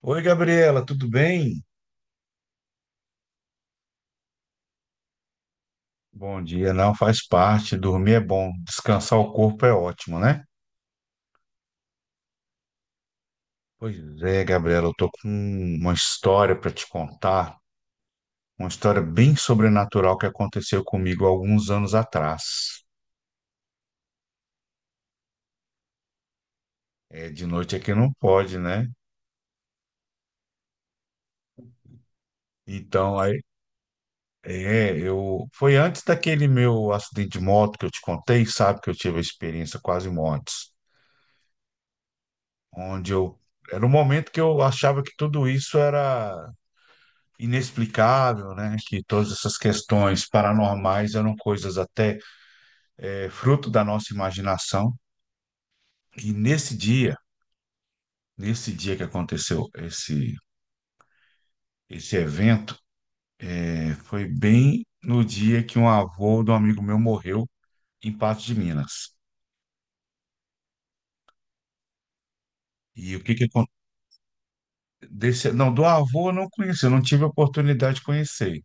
Oi, Gabriela, tudo bem? Bom dia, não faz parte, dormir é bom, descansar o corpo é ótimo, né? Pois é, Gabriela, eu tô com uma história para te contar, uma história bem sobrenatural que aconteceu comigo há alguns anos atrás. É, de noite aqui não pode, né? Então, eu foi antes daquele meu acidente de moto que eu te contei, sabe que eu tive a experiência quase mortes, onde eu era um momento que eu achava que tudo isso era inexplicável, né? Que todas essas questões paranormais eram coisas até fruto da nossa imaginação. E nesse dia que aconteceu esse evento, foi bem no dia que um avô de um amigo meu morreu em Patos de Minas. E o que que aconteceu? Não, do avô eu não conheci, eu não tive a oportunidade de conhecer,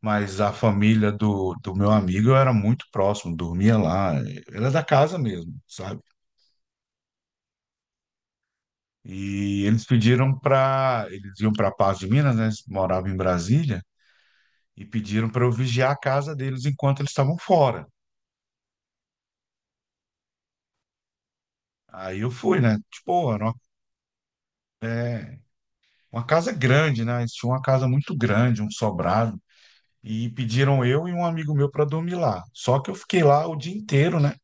mas a família do meu amigo eu era muito próximo, dormia lá, era da casa mesmo, sabe? E eles pediram para. Eles iam para Paz de Minas, né? Eles moravam em Brasília, e pediram para eu vigiar a casa deles enquanto eles estavam fora. Aí eu fui, né? Tipo, era uma, é, uma casa grande, né? Eles tinham uma casa muito grande, um sobrado. E pediram eu e um amigo meu para dormir lá. Só que eu fiquei lá o dia inteiro, né?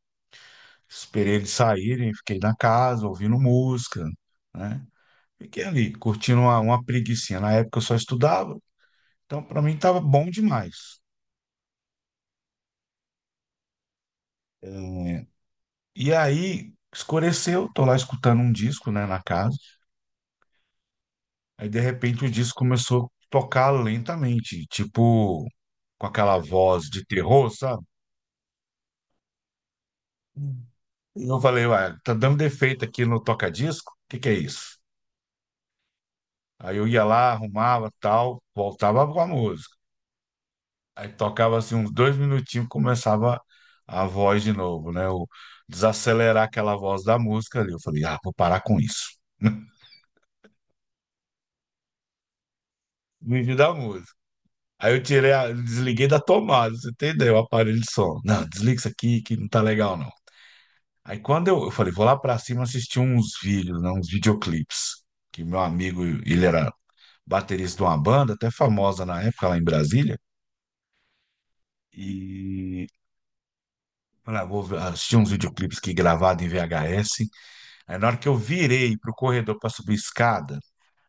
Esperei eles saírem, fiquei na casa, ouvindo música, né? Fiquei ali, curtindo uma preguicinha. Na época eu só estudava, então para mim estava bom demais. E aí escureceu, tô lá escutando um disco, né, na casa. Aí de repente o disco começou a tocar lentamente, tipo com aquela voz de terror, sabe? E eu falei, ué, tá dando defeito aqui no toca-disco? O que que é isso? Aí eu ia lá, arrumava, tal, voltava com a música. Aí tocava assim uns dois minutinhos, começava a voz de novo, né? O desacelerar aquela voz da música ali. Eu falei, ah, vou parar com isso. Me vi da música. Aí eu tirei, desliguei da tomada, você entendeu? O aparelho de som. Não, desliga isso aqui que não tá legal, não. Aí quando eu falei, vou lá pra cima assistir uns vídeos, né, uns videoclipes, que meu amigo, ele era baterista de uma banda, até famosa na época lá em Brasília, e falei, ah, assistir uns videoclipes que gravado em VHS. Aí na hora que eu virei pro corredor pra subir escada,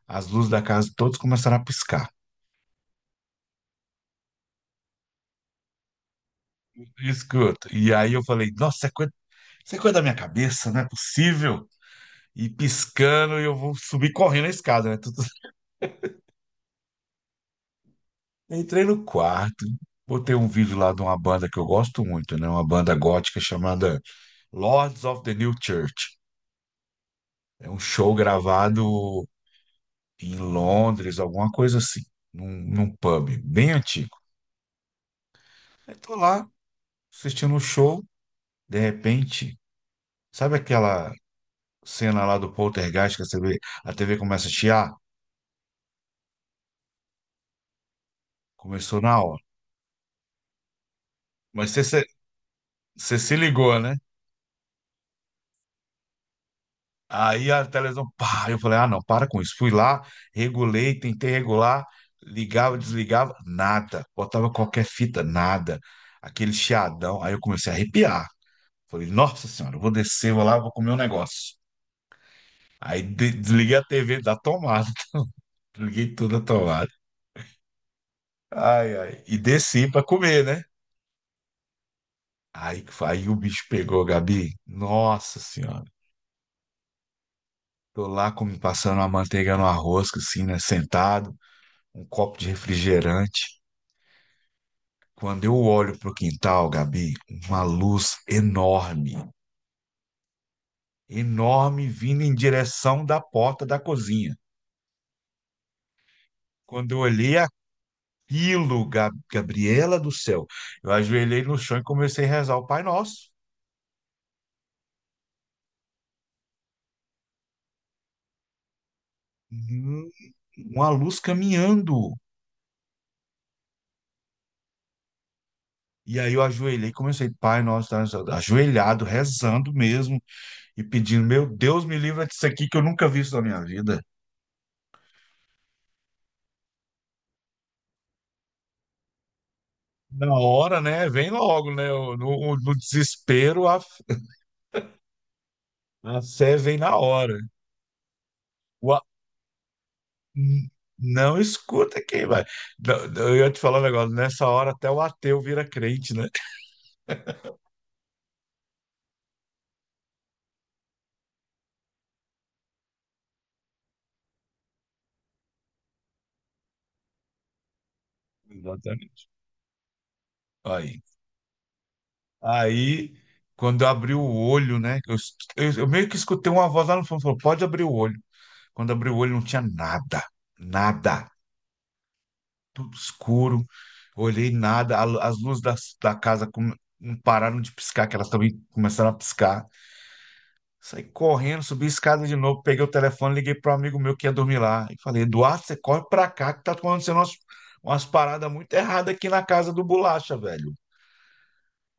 as luzes da casa todas começaram a piscar. Escuta. E aí eu falei, nossa, isso é coisa da minha cabeça, não é possível. E piscando, e eu vou subir correndo a escada, né? Tudo- Entrei no quarto, botei um vídeo lá de uma banda que eu gosto muito, né? Uma banda gótica chamada Lords of the New Church. É um show gravado em Londres, alguma coisa assim, num pub bem antigo. Aí tô lá assistindo o show, de repente, sabe aquela cena lá do Poltergeist que a TV começa a chiar? Começou na hora. Mas você se ligou, né? Aí a televisão, pá, eu falei, ah, não, para com isso. Fui lá, regulei, tentei regular, ligava, desligava, nada. Botava qualquer fita, nada. Aquele chiadão. Aí eu comecei a arrepiar. Falei, nossa senhora, eu vou descer, vou lá, vou comer um negócio. Aí desliguei a TV da tomada, desliguei toda a tomada. Ai, ai. E desci pra comer, né? Aí, o bicho pegou, Gabi. Nossa senhora. Tô lá como, passando uma manteiga no arroz, assim, né? Sentado, um copo de refrigerante. Quando eu olho para o quintal, Gabi, uma luz enorme vindo em direção da porta da cozinha. Quando eu olhei aquilo, Gabriela do céu, eu ajoelhei no chão e comecei a rezar o Pai Nosso. Hum, Uma luz caminhando. E aí eu ajoelhei, comecei, Pai Nosso, tá, ajoelhado, rezando mesmo e pedindo, meu Deus, me livra disso aqui que eu nunca vi isso na minha vida. Na hora, né? Vem logo, né? No desespero, a fé vem na hora. O a- n- Não escuta quem vai. Não, não, eu ia te falar um negócio, nessa hora até o ateu vira crente, né? Exatamente. Aí, aí, quando eu abri o olho, né? Eu meio que escutei uma voz lá no fundo, falou, pode abrir o olho. Quando abri o olho não tinha nada, tudo escuro. Olhei nada, as luzes da casa não pararam de piscar, que elas também começaram a piscar. Saí correndo, subi a escada de novo, peguei o telefone, liguei para um amigo meu que ia dormir lá. E falei, Eduardo, você corre pra cá que tá acontecendo umas paradas muito erradas aqui na casa do Bolacha, velho.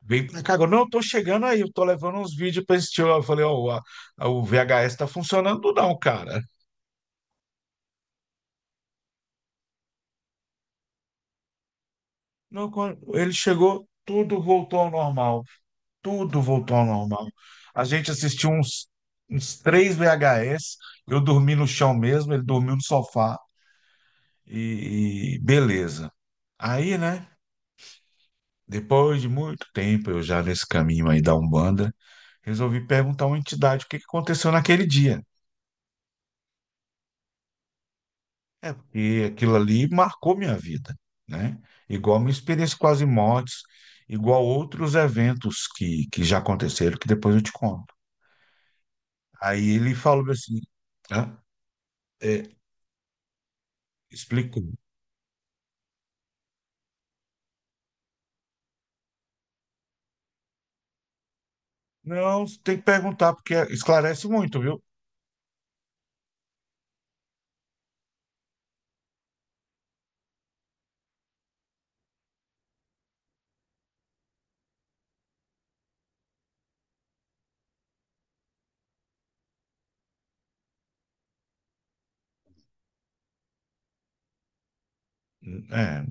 Vem pra cá agora. Não, eu tô chegando aí, eu tô levando uns vídeos pra assistir. Eu falei, ó, o VHS tá funcionando não, cara. Não, quando ele chegou, tudo voltou ao normal. Tudo voltou ao normal. A gente assistiu uns três VHS, eu dormi no chão mesmo, ele dormiu no sofá. E beleza. Aí, né, depois de muito tempo, eu já nesse caminho aí da Umbanda, resolvi perguntar a uma entidade o que que aconteceu naquele dia. É, porque aquilo ali marcou minha vida, né? Igual minha experiência com as mortes, igual outros eventos que já aconteceram, que depois eu te conto. Aí ele falou assim, hã? É, explicou. Não, você tem que perguntar, porque esclarece muito, viu? É,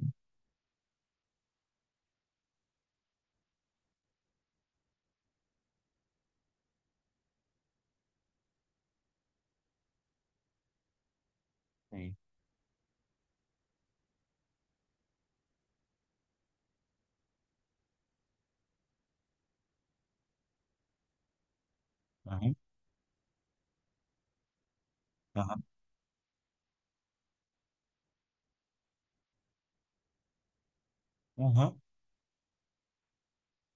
sim. Aham, aham, aham.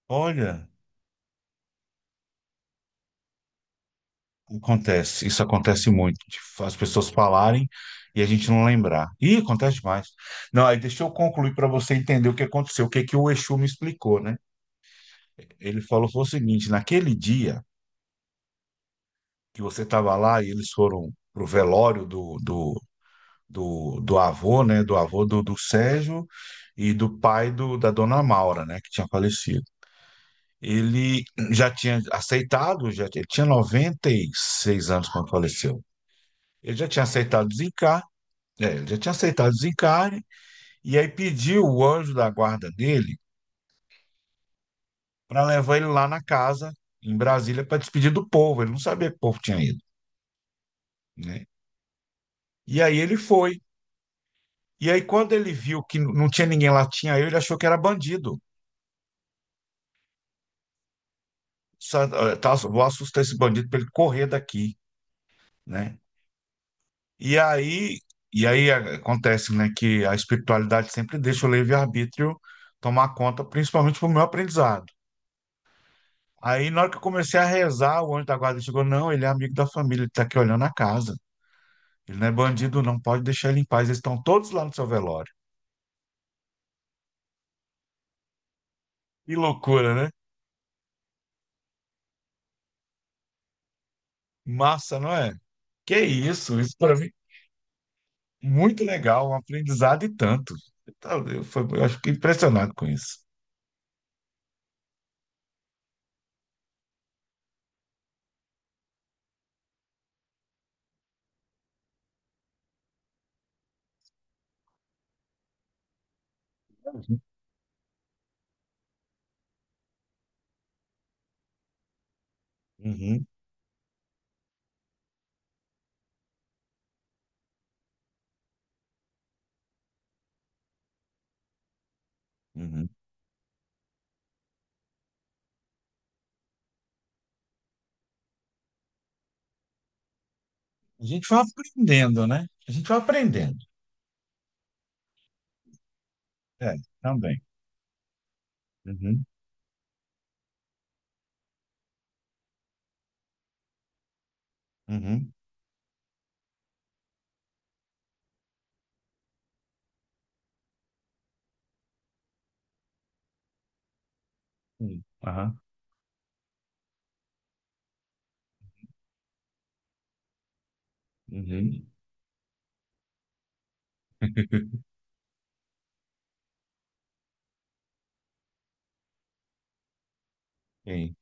Olha, acontece, isso acontece muito, de as pessoas falarem e a gente não lembrar. Ih, acontece demais. Não, aí deixa eu concluir para você entender o que aconteceu, o que que o Exu me explicou, né? Ele falou foi o seguinte, naquele dia que você estava lá e eles foram pro velório do avô, né? Do avô do Sérgio e do pai da dona Maura, né? Que tinha falecido. Ele já tinha aceitado, já, ele tinha 96 anos quando faleceu. Ele já tinha aceitado zicar. É, ele já tinha aceitado o desencarne e aí pediu o anjo da guarda dele para levar ele lá na casa, em Brasília, para despedir do povo. Ele não sabia que o povo tinha ido, né? E aí ele foi. E aí, quando ele viu que não tinha ninguém lá, tinha eu, ele achou que era bandido. Tá, vou assustar esse bandido para ele correr daqui, né? E aí, e aí, acontece, né, que a espiritualidade sempre deixa o livre-arbítrio tomar conta, principalmente para o meu aprendizado. Aí, na hora que eu comecei a rezar, o anjo da guarda chegou: não, ele é amigo da família, ele tá aqui olhando a casa. Ele não é bandido, não pode deixar ele em paz. Eles estão todos lá no seu velório. Que loucura, né? Massa, não é? Que isso para mim, muito legal, um aprendizado e tanto. Então, eu, eu acho que impressionado com isso. Uhum, uhum, uhum. A gente vai aprendendo, né? A gente vai aprendendo. É, também. Uhum, uhum, sim. Aham, uhum. Sim.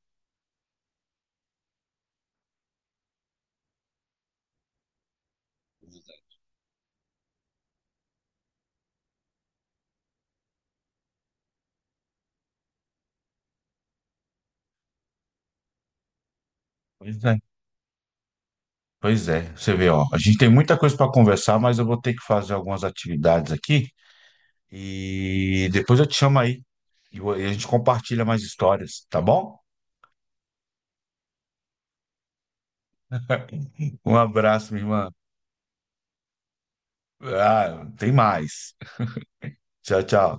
Pois é. Pois é, você vê, ó, a gente tem muita coisa para conversar, mas eu vou ter que fazer algumas atividades aqui e depois eu te chamo aí e e a gente compartilha mais histórias, tá bom? Um abraço, minha irmã. Ah, tem mais. Tchau, tchau.